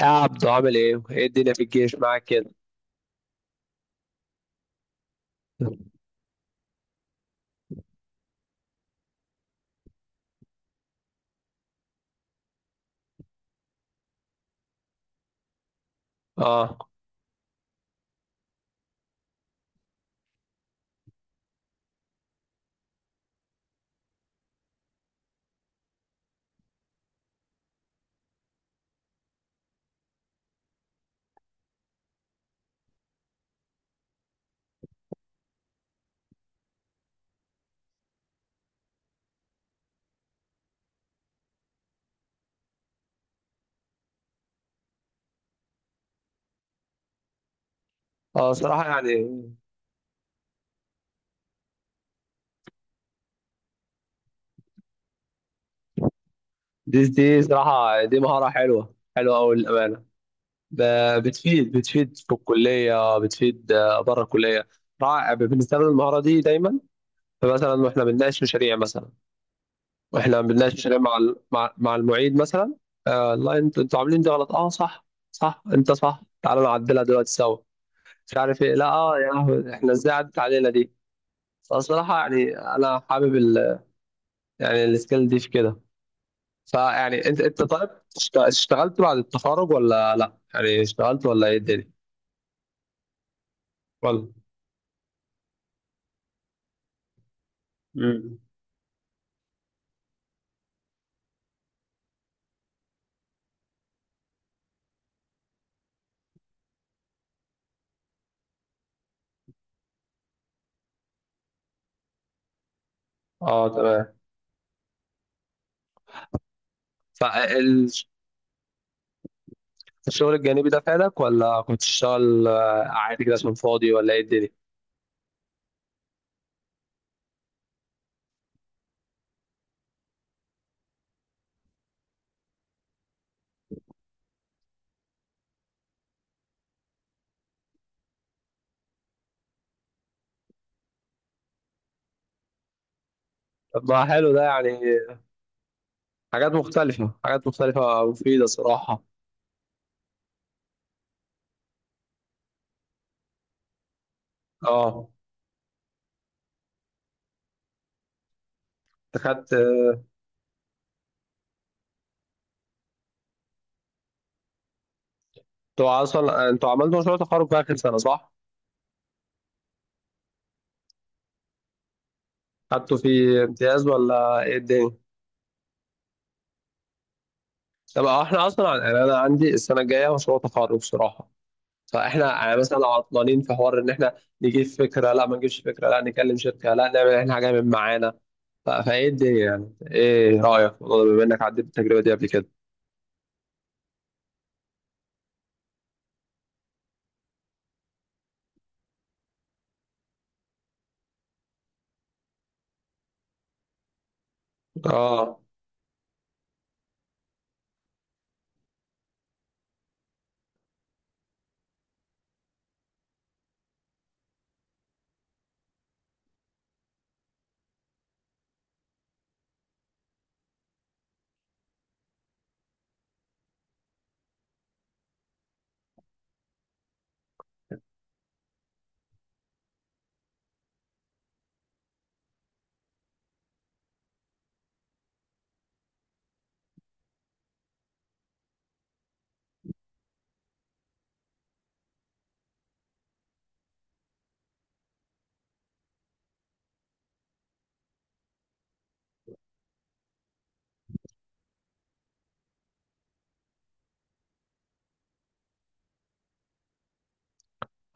يا عبدو عامل ايه؟ ايه الدنيا في الجيش معاك كده؟ اه. اه صراحة يعني دي صراحة دي مهارة حلوة أوي للأمانة، بتفيد في الكلية، بتفيد بره الكلية. رائع، بنستخدم المهارة دي دايما. فمثلا واحنا بنناقش مشاريع، مثلا واحنا بنناقش مشاريع مع مع المعيد مثلا. آه لا انتوا عاملين دي غلط، اه صح، صح انت صح، تعالوا نعدلها دلوقتي سوا، مش عارف ايه، لا اه يا لهوي، احنا ازاي عدت علينا دي. فالصراحة يعني أنا حابب يعني السكيل دي في كده. فيعني انت طيب اشتغلت بعد التخرج ولا لا، يعني اشتغلت ولا ايه الدنيا. ولا مم. اه تمام. فالشغل الجانبي ده فادك ولا كنت تشتغل عادي كده عشان فاضي ولا ايه الدنيا. طب ما حلو ده يعني، حاجات مختلفة، حاجات مختلفة مفيدة صراحة. اه. انت خدت، انتوا اصلا، انتوا عملتوا مشروع تخرج في اخر سنة صح؟ خدتوا فيه امتياز ولا ايه الدنيا؟ طب احنا اصلا يعني انا عندي السنة الجاية مشروع تخرج صراحة، فاحنا يعني مثلا لو عطلانين في حوار ان احنا نجيب فكره، لا ما نجيبش فكره، لا نكلم شركه، لا نعمل احنا حاجه من معانا. فايه الدنيا يعني، ايه رايك في الموضوع ده بما انك عديت التجربه دي قبل كده. اه.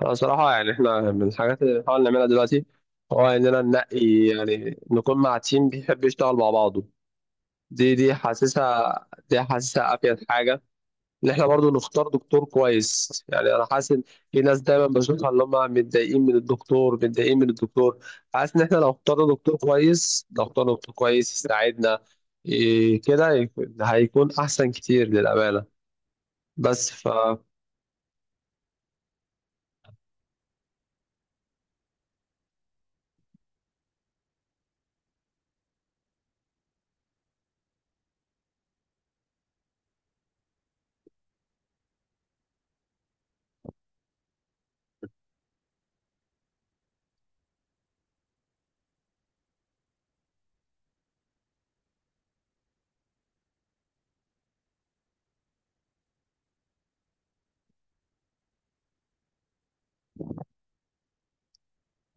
انا صراحه يعني احنا من الحاجات اللي بنحاول نعملها دلوقتي هو اننا ننقي يعني نكون مع تيم بيحب يشتغل مع بعضه. دي حاسسها، دي حاسسها افيد حاجه. ان احنا برضو نختار دكتور كويس، يعني انا حاسس ان في ناس دايما بشوفها اللي هم متضايقين من الدكتور، متضايقين من الدكتور. حاسس ان احنا لو اخترنا دكتور كويس، لو اخترنا دكتور كويس يساعدنا، إيه كده هيكون احسن كتير للامانه. بس ف،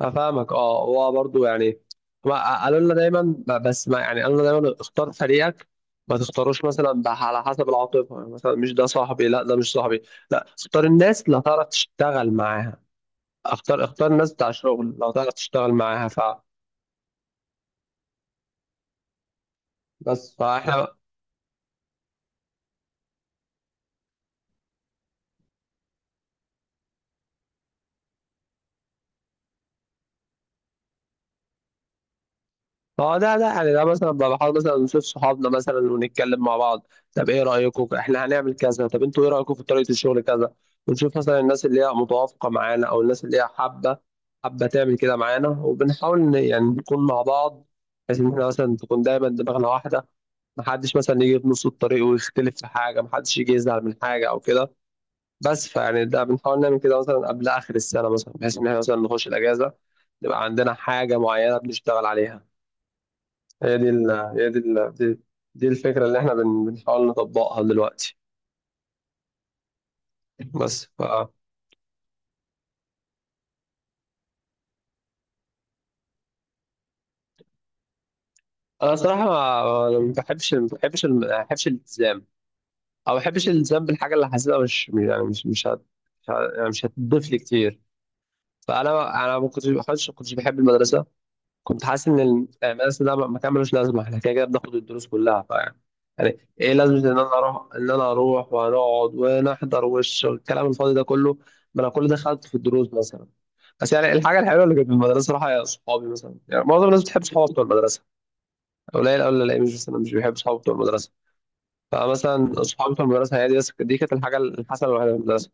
افهمك اه. هو برضو يعني قالوا لنا دايما، ب- بس ما يعني قالوا لنا دايما اختار فريقك، ما تختاروش مثلا على حسب العاطفه، يعني مثلا مش ده صاحبي، لا ده مش صاحبي، لا اختار الناس اللي هتعرف تشتغل معاها، اختار، اختار ناس بتاع شغل لو تعرف تشتغل معاها فعلا. بس فاحنا اه، ده يعني ده مثلا بقى بحاول مثلا نشوف صحابنا مثلا ونتكلم مع بعض، طب ايه رايكم احنا هنعمل كذا، طب انتوا ايه رايكم في طريقه الشغل كذا. ونشوف مثلا الناس اللي هي متوافقه معانا او الناس اللي هي حابه، حابه تعمل كده معانا، وبنحاول يعني نكون مع بعض، بحيث ان احنا مثلا تكون دايما دماغنا واحده، محدش مثلا يجي في نص الطريق ويختلف في حاجه، محدش يجي يزعل من حاجه او كده. بس فيعني ده بنحاول نعمل كده مثلا قبل اخر السنه مثلا، بحيث ان احنا مثلا نخش الاجازه نبقى عندنا حاجه معينه بنشتغل عليها. هي دي ال هي دي دي, الفكره اللي احنا بنحاول نطبقها دلوقتي. بس ف، انا صراحه ما بحبش الالتزام، او ما بحبش الالتزام بالحاجه اللي حاسسها مش يعني مش مش هت مش هت- يعني مش هتضيف لي كتير. فانا ما كنتش بحب المدرسه، كنت حاسس ان المدرسه ده مكان ملوش لازمه، احنا كده كده بناخد الدروس كلها، فيعني يعني ايه لازمه ان انا اروح، ان انا اروح وهنقعد ونحضر والكلام الفاضي ده كله، ما انا كل ده خدته في الدروس مثلا. بس يعني الحاجه الحلوه اللي كانت في المدرسه صراحه هي صحابي مثلا، يعني معظم الناس بتحب صحابها بتوع المدرسه، قليل قوي اللي الاقي مش مثلا مش بيحب صحابه بتوع المدرسه. فمثلا صحابي بتوع المدرسه هي دي بس، دي كانت الحاجه الحسنه الوحيده في المدرسه.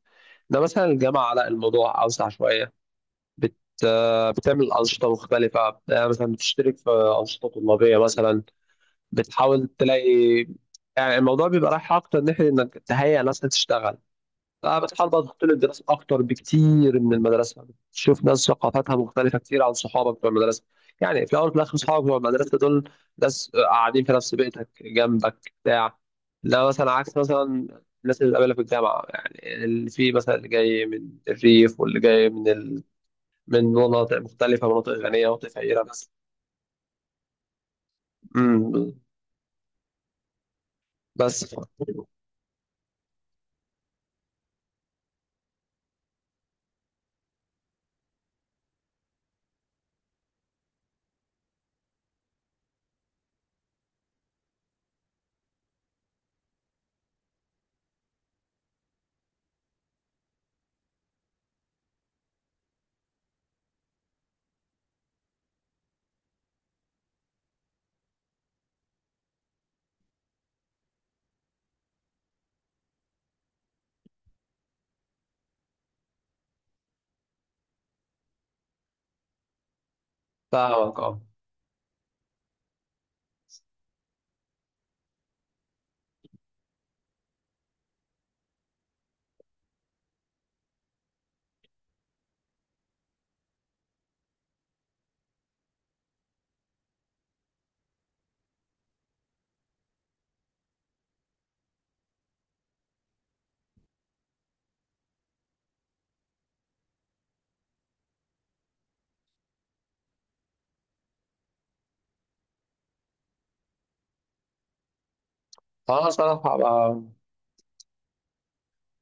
ده مثلا الجامعه لا، الموضوع اوسع شويه، بت... بتعمل أنشطة مختلفة، مثلا بتشترك في أنشطة طلابية مثلا، بتحاول تلاقي يعني الموضوع بيبقى رايح أكتر ناحية إنك تهيئ ناس تشتغل. فبتحاول بقى تحط له الدراسة أكتر بكتير من المدرسة، بتشوف ناس ثقافاتها مختلفة كتير عن صحابك بتوع المدرسة. يعني في الأول وفي الآخر صحابك بتوع المدرسة دول ناس قاعدين في نفس بيتك جنبك بتاع، لا مثلا عكس مثلا الناس اللي بتقابلها في الجامعة، يعني اللي في مثلا اللي جاي من الريف، واللي جاي من من مناطق مختلفة، مناطق غنية مناطق فقيرة. بس امم، بس ف، فاهمك اه. فأنا الصراحة بقى،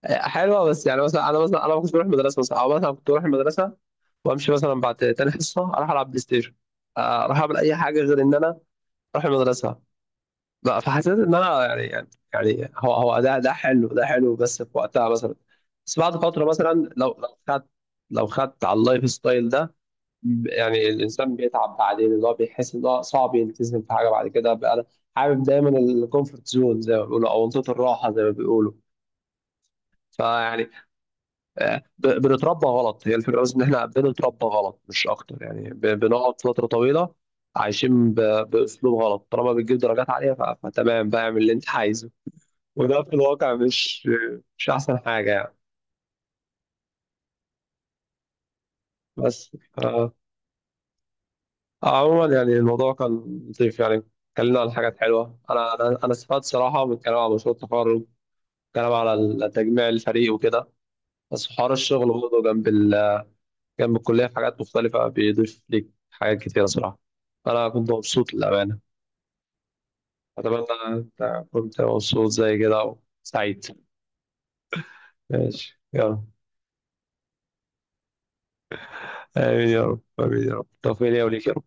حلوة بس يعني مثلا أنا مثلا أنا ما كنتش بروح المدرسة مثلا، أو مثلا كنت بروح المدرسة وأمشي مثلا بعد تاني حصة، أروح ألعب بلاي ستيشن، أروح أعمل أي حاجة غير إن أنا أروح المدرسة بقى. فحسيت إن أنا يعني يعني هو ده حلو، ده حلو بس في وقتها مثلا، بس بعد فترة مثلا لو خدت، لو خدت على اللايف ستايل ده، يعني الانسان بيتعب بعدين، اللي هو بيحس ان هو صعب يلتزم في حاجه بعد كده بقى. انا حابب دايما الكومفورت زون زي ما بيقولوا، او منطقه الراحه زي ما بيقولوا. فيعني بنتربى غلط، هي الفكره بس ان احنا بنتربى غلط مش اكتر، يعني بنقعد فتره طويله عايشين باسلوب غلط، طالما بتجيب درجات عاليه فتمام بقى اعمل اللي انت عايزه. وده في الواقع مش، مش احسن حاجه يعني. بس آه. عموما يعني الموضوع كان لطيف يعني، اتكلمنا عن حاجات حلوة، أنا استفدت صراحة من الكلام على مشروع التخرج، الكلام على تجميع الفريق وكده. بس حوار الشغل برضه جنب الكلية في حاجات مختلفة بيضيف ليك حاجات كتيرة صراحة. أنا كنت مبسوط للأمانة. أتمنى أنت كنت مبسوط زي كده وسعيد. ماشي يلا. آمين يا رب، آمين يا رب، توفيق لي وليك.